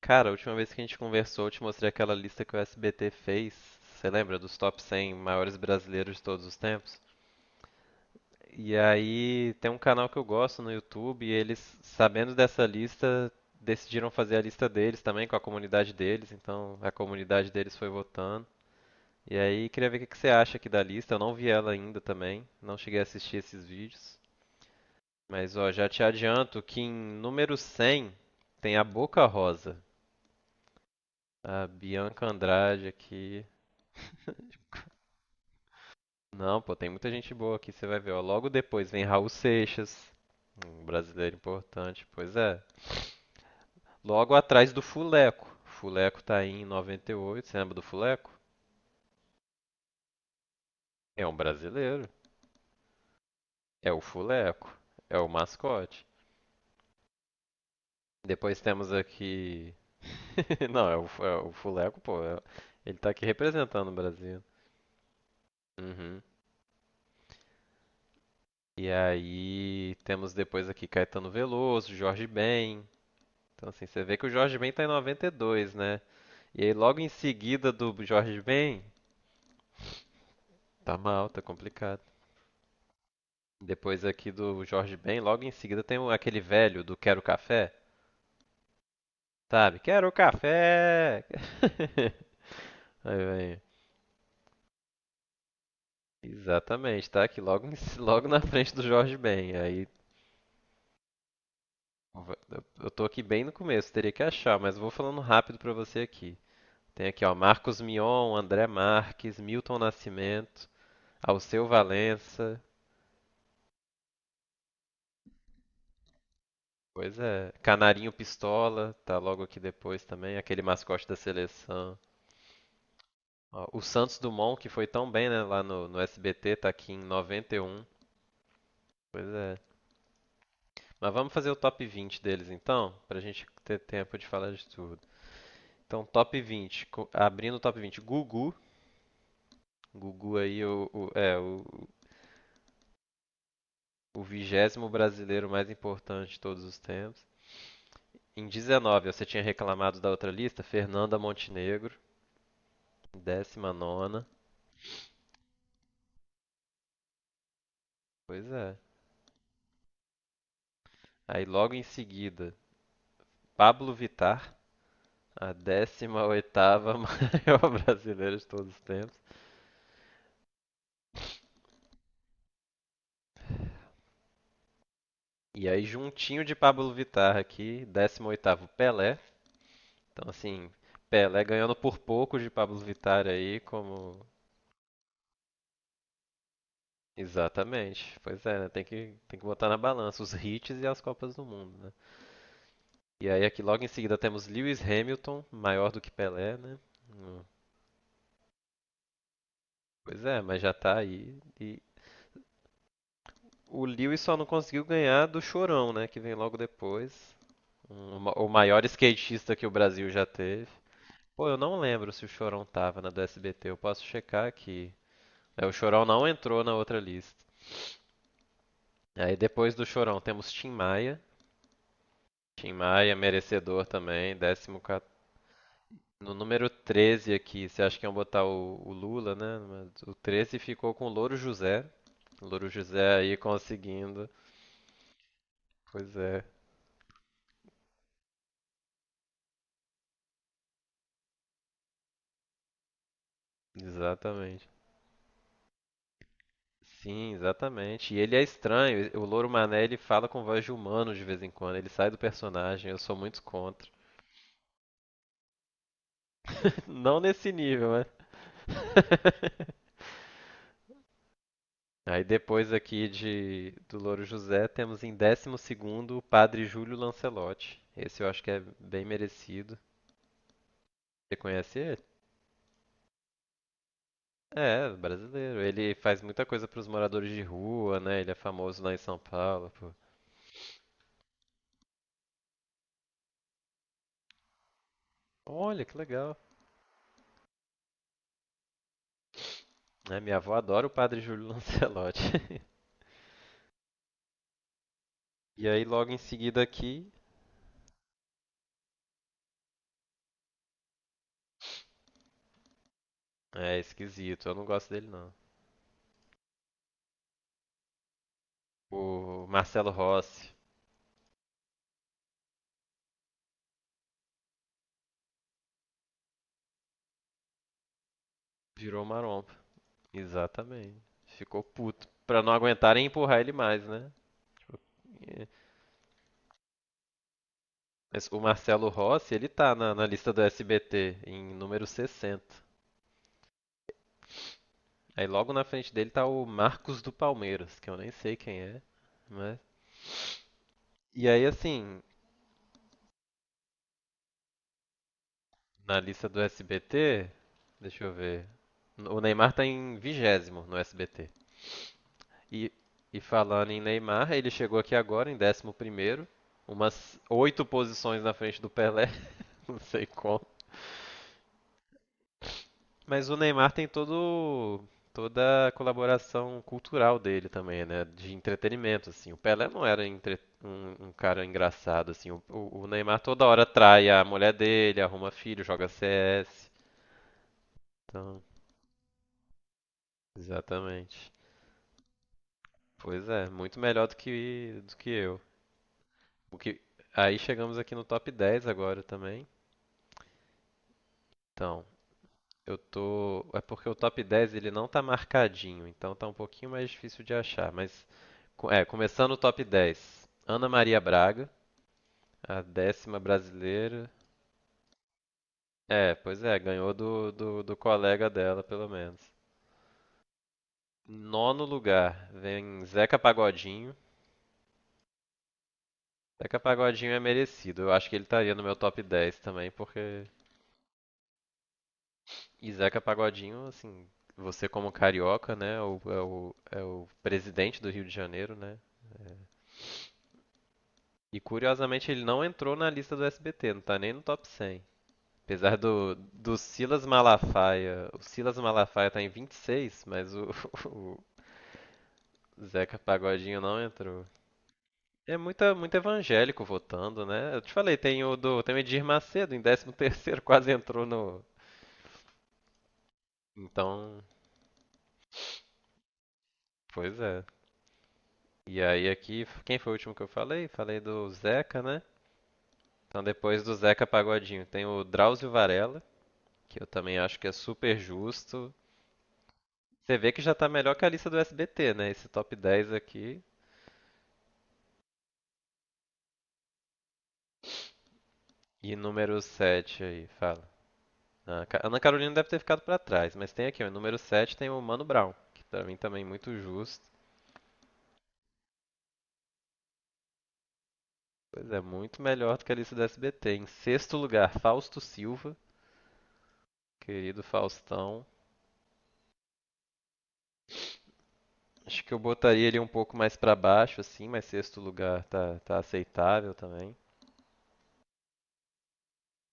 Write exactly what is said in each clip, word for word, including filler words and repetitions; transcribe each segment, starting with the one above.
Cara, a última vez que a gente conversou, eu te mostrei aquela lista que o S B T fez. Você lembra dos top cem maiores brasileiros de todos os tempos? E aí tem um canal que eu gosto no YouTube e eles, sabendo dessa lista, decidiram fazer a lista deles também com a comunidade deles. Então a comunidade deles foi votando. E aí queria ver o que que você acha aqui da lista. Eu não vi ela ainda também, não cheguei a assistir esses vídeos. Mas ó, já te adianto que em número cem tem a Boca Rosa, a Bianca Andrade aqui. Não, pô, tem muita gente boa aqui, você vai ver, ó. Logo depois vem Raul Seixas, um brasileiro importante, pois é. Logo atrás do Fuleco. Fuleco tá aí em noventa e oito, você lembra do Fuleco? É um brasileiro, é o Fuleco, é o mascote. Depois temos aqui. Não, é o, Fu- é o Fuleco, pô, é- ele tá aqui representando o Brasil. Uhum. E aí temos depois aqui Caetano Veloso, Jorge Ben. Então, assim, você vê que o Jorge Ben tá em noventa e dois, né? E aí, logo em seguida do Jorge Ben, tá mal, tá complicado. Depois aqui do Jorge Ben, logo em seguida tem o- aquele velho do Quero Café, sabe? Quero café! Aí vem. Exatamente, tá aqui logo, em- c- logo na frente do Jorge Ben. Aí va- eu tô aqui bem no começo, teria que achar, mas vou falando rápido pra você aqui. Tem aqui, ó, Marcos Mion, André Marques, Milton Nascimento, Alceu Valença. Pois é. Canarinho Pistola tá logo aqui depois também, aquele mascote da seleção. Ó, o Santos Dumont, que foi tão bem, né, lá no, no S B T, tá aqui em noventa e um. Pois é. Mas vamos fazer o top vinte deles então, pra gente ter tempo de falar de tudo. Então, top vinte, co- abrindo o top vinte, Gugu. Gugu aí o, o- é o, o vigésimo brasileiro mais importante de todos os tempos. Em dezenove, você tinha reclamado da outra lista, Fernanda Montenegro, décima nona. Pois é. Aí logo em seguida, Pablo Vittar, a décima oitava maior brasileira de todos os tempos. E aí juntinho de Pablo Vittar aqui, décimo oitavo Pelé. Então assim, Pelé ganhando por pouco de Pablo Vittar aí como. Exatamente. Pois é, né? Tem que, tem que botar na balança os hits e as Copas do Mundo, né? E aí aqui logo em seguida temos Lewis Hamilton, maior do que Pelé, né? Pois é, mas já tá aí. E. O Lewis só não conseguiu ganhar do Chorão, né? Que vem logo depois. Um- o maior skatista que o Brasil já teve. Pô, eu não lembro se o Chorão tava na do S B T. Eu posso checar aqui. É, o Chorão não entrou na outra lista. Aí depois do Chorão temos Tim Maia. Tim Maia, merecedor também. quatorze. No número treze aqui, você acha que iam botar o, o Lula, né? Mas o treze ficou com o Louro José. O Louro José aí conseguindo. Pois é, exatamente. Sim, exatamente. E ele é estranho. O Louro Mané, ele fala com voz de humano de vez em quando. Ele sai do personagem. Eu sou muito contra. Não nesse nível, né? Aí depois aqui de do Louro José, temos em décimo segundo o Padre Júlio Lancelotti. Esse eu acho que é bem merecido. Você conhece ele? É, brasileiro. Ele faz muita coisa para os moradores de rua, né? Ele é famoso lá em São Paulo. Pô. Olha, que legal. É, minha avó adora o Padre Júlio Lancelotti. E aí logo em seguida aqui. É esquisito, eu não gosto dele não. O Marcelo Rossi virou marompa. Exatamente. Ficou puto. Pra não aguentarem empurrar ele mais, né? Tipo, é. Mas o Marcelo Rossi, ele tá na, na lista do S B T, em número sessenta. Aí logo na frente dele tá o Marcos do Palmeiras, que eu nem sei quem é, mas. E aí assim, na lista do S B T, deixa eu ver. O Neymar tá em vigésimo no S B T. E, e falando em Neymar, ele chegou aqui agora em décimo primeiro, umas oito posições na frente do Pelé, não sei como. Mas o Neymar tem todo toda a colaboração cultural dele também, né? De entretenimento, assim. O Pelé não era entre- um, um cara engraçado, assim. O, o- o Neymar toda hora trai a mulher dele, arruma filho, joga C S. Então, exatamente. Pois é, muito melhor do que, do que eu. O que, aí chegamos aqui no top dez agora também. Então, eu tô. É porque o top dez ele não tá marcadinho, então tá um pouquinho mais difícil de achar. Mas, co- é, começando o top dez. Ana Maria Braga, a décima brasileira. É, pois é, ganhou do, do, do colega dela, pelo menos. Nono lugar, vem Zeca Pagodinho. Zeca Pagodinho é merecido. Eu acho que ele estaria no meu top dez também, porque. E Zeca Pagodinho, assim, você como carioca, né? É o, é o, é o presidente do Rio de Janeiro, né? E curiosamente ele não entrou na lista do S B T, não tá nem no top cem. Apesar do, do Silas Malafaia. O Silas Malafaia tá em vinte e seis, mas o, o Zeca Pagodinho não entrou. É muita, muito evangélico votando, né? Eu te falei, tem o do, tem o Edir Macedo em décimo terceiro, quase entrou no. Então, pois é. E aí aqui, quem foi o último que eu falei? Falei do Zeca, né? Então depois do Zeca Pagodinho tem o Drauzio Varela, que eu também acho que é super justo. Você vê que já tá melhor que a lista do S B T, né? Esse top dez aqui. E número sete aí, fala. Ah, Ca- Ana Carolina deve ter ficado pra trás, mas tem aqui, ó, número sete, tem o Mano Brown, que pra mim também é muito justo. Pois é, muito melhor do que a lista do S B T. Em sexto lugar, Fausto Silva, querido Faustão. Acho que eu botaria ele um pouco mais pra baixo, assim, mas sexto lugar tá, tá aceitável também.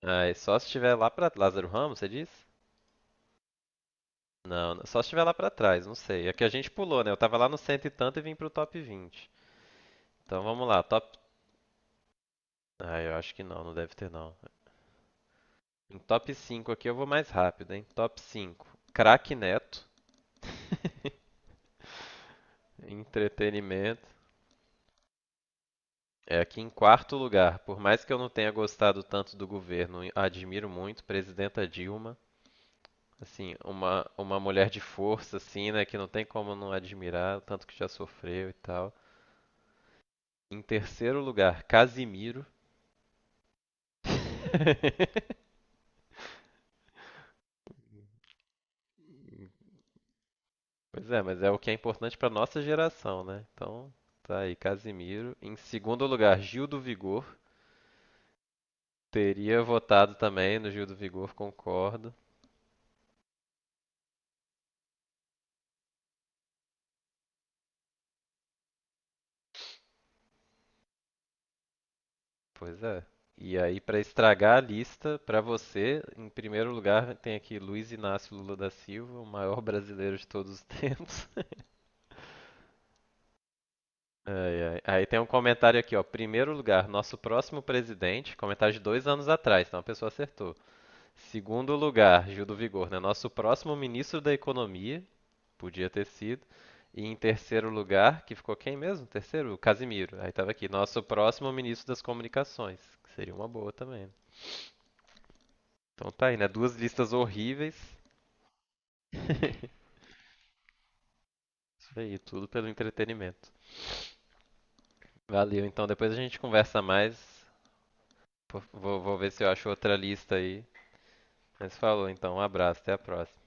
Ah, e só se tiver lá pra Lázaro Ramos, você diz? Não, só se estiver lá pra trás, não sei. É que a gente pulou, né? Eu tava lá no cento e tanto e vim pro top vinte. Então vamos lá, top. Ah, eu acho que não, não deve ter não. Em top cinco aqui eu vou mais rápido, hein? Top cinco. Craque Neto. Entretenimento. É aqui em quarto lugar. Por mais que eu não tenha gostado tanto do governo, admiro muito presidenta Dilma. Assim, uma, uma mulher de força, assim, né? Que não tem como não admirar, o tanto que já sofreu e tal. Em terceiro lugar, Casimiro. Pois é, mas é o que é importante para nossa geração, né? Então, tá aí, Casimiro. Em segundo lugar, Gil do Vigor. Teria votado também no Gil do Vigor, concordo. Pois é. E aí, para estragar a lista, para você, em primeiro lugar, tem aqui Luiz Inácio Lula da Silva, o maior brasileiro de todos os tempos. Ai, ai. Aí tem um comentário aqui, ó. Primeiro lugar, nosso próximo presidente. Comentário de dois anos atrás, então a pessoa acertou. Segundo lugar, Gil do Vigor, né? Nosso próximo ministro da Economia, podia ter sido. E em terceiro lugar, que ficou quem mesmo? Terceiro? O Casimiro. Aí tava aqui, nosso próximo ministro das Comunicações, que seria uma boa também. Então tá aí, né? Duas listas horríveis. Isso aí, tudo pelo entretenimento. Valeu, então depois a gente conversa mais. Vou, vou ver se eu acho outra lista aí. Mas falou, então, um abraço, até a próxima.